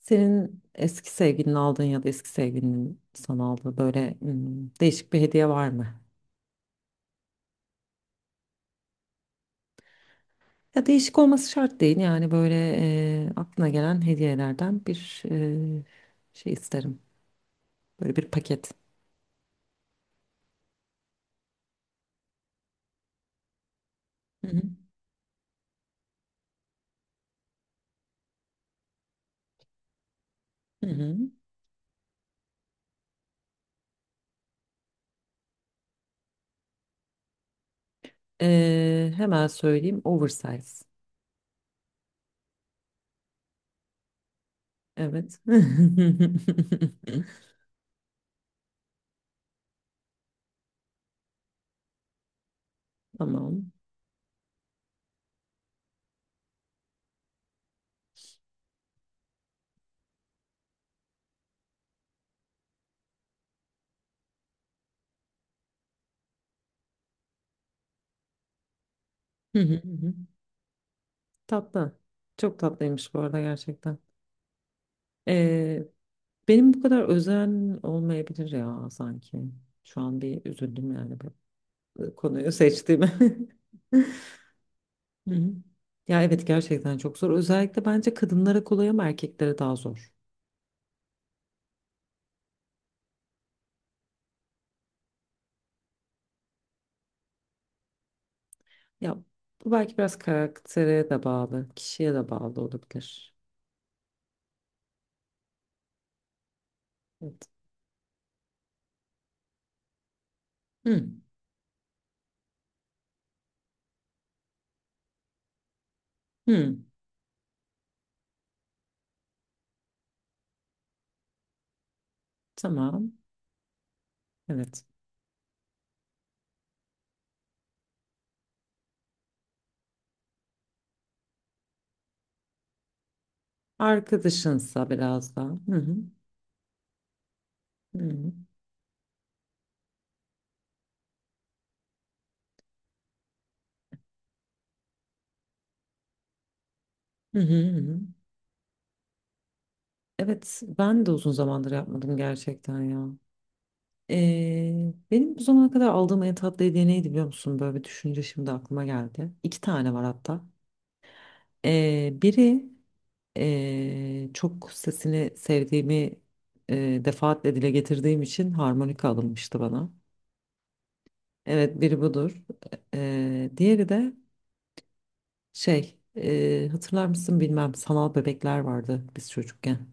Senin eski sevgilinin aldığın ya da eski sevgilinin sana aldığı böyle değişik bir hediye var mı? Ya değişik olması şart değil yani böyle aklına gelen hediyelerden şey isterim. Böyle bir paket. Hı hı. Hı hı. Hemen söyleyeyim oversize. Evet. Tamam. Hı hı. Hı. Tatlı. Çok tatlıymış bu arada gerçekten. Benim bu kadar özen olmayabilir ya sanki. Şu an bir üzüldüm yani bu konuyu seçtiğime. Hı hı. Ya evet, gerçekten çok zor. Özellikle bence kadınlara kolay ama erkeklere daha zor. Ya bu belki biraz karaktere de bağlı, kişiye de bağlı olabilir. Evet. Hı. Hı. Tamam. Evet. Arkadaşınsa biraz daha. Hı hı. Hı hı. Hı hı. Hı hı. Evet, ben de uzun zamandır yapmadım gerçekten ya. Benim bu zamana kadar aldığım en tatlı hediye neydi biliyor musun? Böyle bir düşünce şimdi aklıma geldi. İki tane var hatta. Biri çok sesini sevdiğimi defaatle dile getirdiğim için harmonika alınmıştı bana. Evet, biri budur. Diğeri de hatırlar mısın bilmem, sanal bebekler vardı biz çocukken.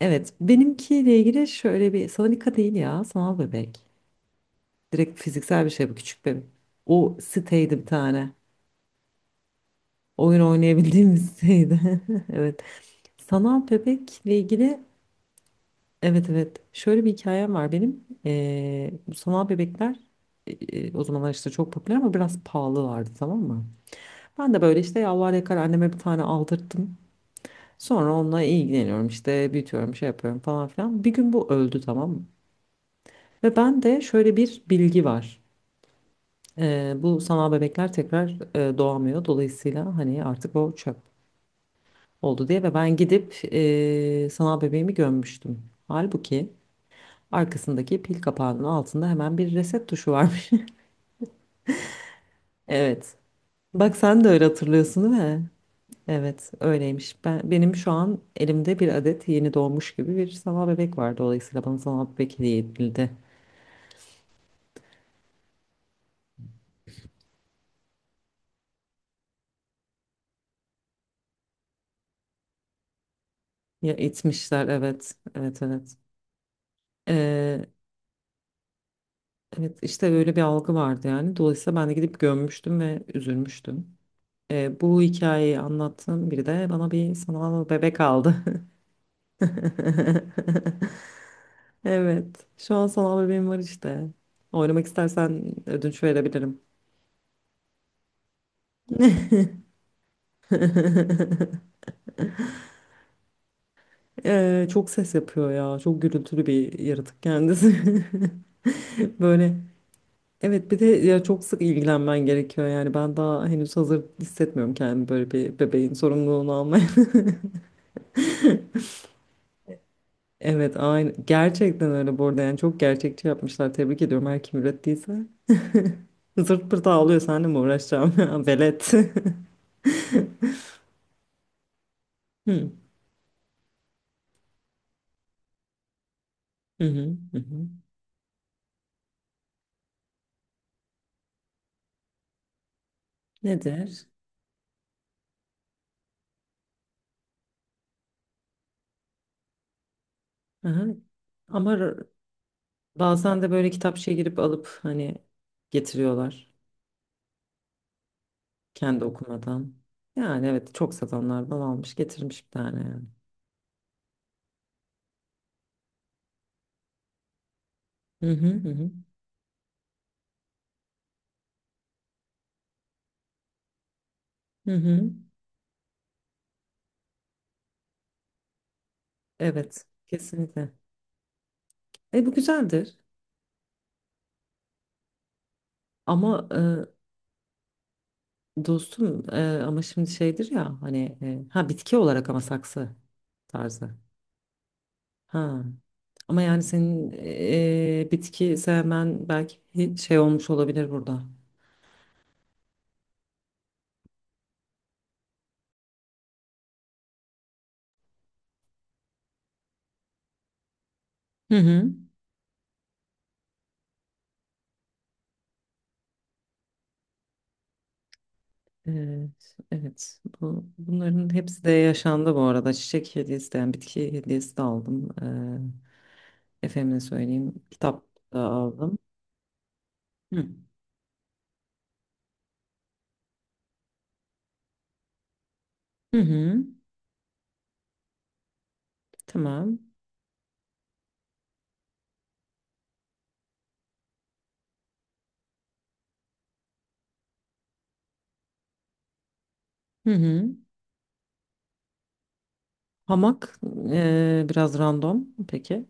Evet, benimkiyle ilgili şöyle bir sana dikkat değil ya sanal bebek. Direkt fiziksel bir şey bu küçük bebek. O siteydi bir tane. Oyun oynayabildiğimiz siteydi. Evet. Sanal bebekle ilgili evet evet. Şöyle bir hikayem var benim. Bu sanal bebekler e, o zamanlar işte çok popüler ama biraz pahalılardı, tamam mı? Ben de böyle işte yalvar yakar anneme bir tane aldırttım. Sonra onunla ilgileniyorum işte, büyütüyorum, şey yapıyorum falan filan. Bir gün bu öldü, tamam mı? Ve bende şöyle bir bilgi var. Bu sanal bebekler tekrar doğamıyor. Dolayısıyla hani artık o çöp oldu diye ve ben gidip sanal bebeğimi gömmüştüm. Halbuki arkasındaki pil kapağının altında hemen bir reset tuşu varmış. Evet. Bak, sen de öyle hatırlıyorsun değil mi? Evet, öyleymiş. Ben benim şu an elimde bir adet yeni doğmuş gibi bir sanal bebek var. Dolayısıyla bana sanal bebek hediye edildi. Ya itmişler, evet. Evet evet. Evet, işte öyle bir algı vardı yani. Dolayısıyla ben de gidip gömmüştüm ve üzülmüştüm. Bu hikayeyi anlattığım biri de bana bir sanal bebek aldı. Evet. Şu an sanal bebeğim var işte. Oynamak istersen ödünç verebilirim. Çok ses yapıyor ya. Çok gürültülü bir yaratık kendisi. Böyle. Evet, bir de ya çok sık ilgilenmen gerekiyor yani, ben daha henüz hazır hissetmiyorum kendimi böyle bir bebeğin sorumluluğunu almaya. Evet, aynı. Gerçekten öyle bu arada. Yani çok gerçekçi yapmışlar. Tebrik ediyorum her kim ürettiyse. Zırt pırt ağlıyor. Seninle mi uğraşacağım? Velet. Hı hı hı. Hı. Hı. Nedir? Aha. Ama r- Bazen de böyle kitapçıya girip alıp hani getiriyorlar. Kendi okumadan. Yani evet, çok satanlardan almış getirmiş bir tane yani. Hı hı hı. Hı. Hı hı. Evet, kesinlikle. E, bu güzeldir. Ama dostum, ama şimdi şeydir ya hani ha bitki olarak ama saksı tarzı. Ha. Ama yani senin bitki sevmen belki şey olmuş olabilir burada. Hı hı. Evet, evet. Bunların hepsi de yaşandı bu arada. Çiçek hediyesi de yani bitki hediyesi de aldım. Efendime söyleyeyim. Kitap da aldım. Hı. Hı hı. Tamam. Hı hı. Hamak biraz random. Peki.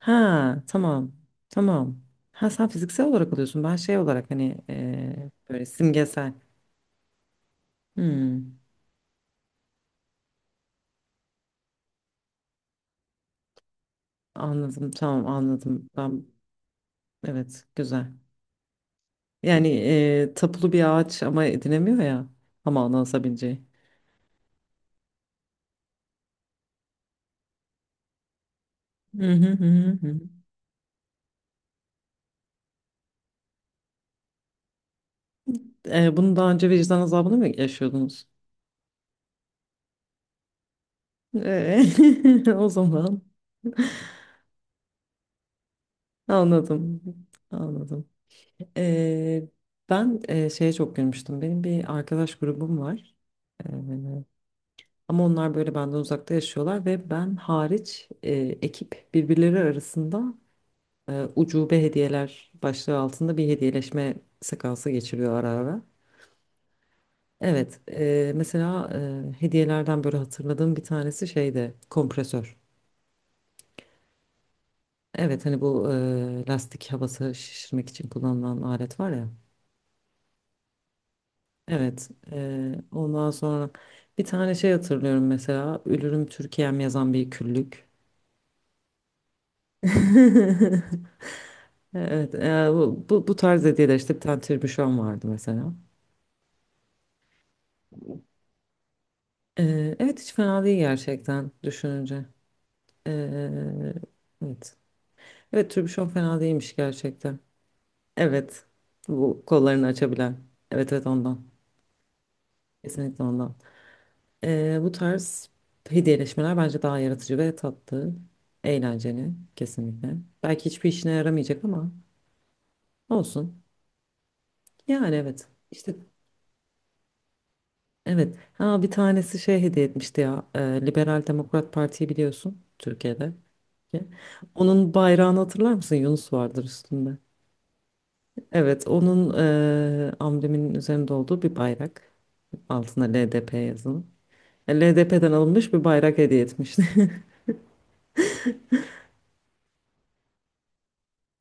Ha, tamam. Tamam. Ha, sen fiziksel olarak alıyorsun. Ben şey olarak hani böyle simgesel. Hmm, anladım. Tamam, anladım. Ben evet, güzel. Yani tapulu bir ağaç ama edinemiyor ya. Ama anlasabileceği. Hı hı hı hı. Hı. Bunu daha önce vicdan azabını mı yaşıyordunuz? O zaman anladım. Anladım. Eee, Ben şeye çok gülmüştüm. Benim bir arkadaş grubum var. Ama onlar böyle benden uzakta yaşıyorlar ve ben hariç ekip birbirleri arasında ucube hediyeler başlığı altında bir hediyeleşme sekansı geçiriyor ara ara. Evet, mesela hediyelerden böyle hatırladığım bir tanesi şeyde kompresör. Evet, hani bu lastik havası şişirmek için kullanılan alet var ya. Evet, ondan sonra bir tane şey hatırlıyorum mesela, Ölürüm Türkiye'm yazan bir küllük. Evet, bu tarz hediyeler işte, bir tane tribüşon vardı mesela. E, evet, hiç fena değil gerçekten düşününce. E, evet. Evet, tribüşon fena değilmiş gerçekten. Evet. Bu kollarını açabilen. Evet evet, ondan. Kesinlikle ondan. Bu tarz hediyeleşmeler bence daha yaratıcı ve tatlı. Eğlenceli kesinlikle. Belki hiçbir işine yaramayacak ama olsun. Yani evet. İşte evet. Ha, bir tanesi şey hediye etmişti ya. Liberal Demokrat Parti'yi biliyorsun, Türkiye'de. Onun bayrağını hatırlar mısın? Yunus vardır üstünde. Evet, onun ambleminin üzerinde olduğu bir bayrak. Altına LDP yazılı. LDP'den alınmış bir bayrak hediye etmişti.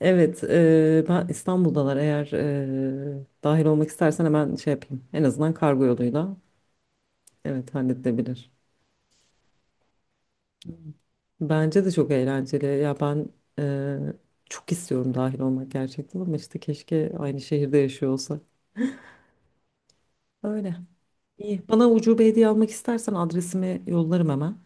Evet, ben İstanbul'dalar. Eğer dahil olmak istersen hemen şey yapayım. En azından kargo yoluyla. Evet, halledilebilir. Bence de çok eğlenceli. Ya ben çok istiyorum dahil olmak gerçekten ama işte keşke aynı şehirde yaşıyor olsak. Öyle. İyi. Bana ucube hediye almak istersen adresimi yollarım hemen.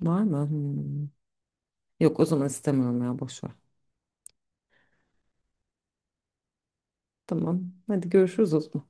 Var mı? Hmm. Yok, o zaman istemiyorum ya, boş ver. Tamam. Hadi görüşürüz o zaman.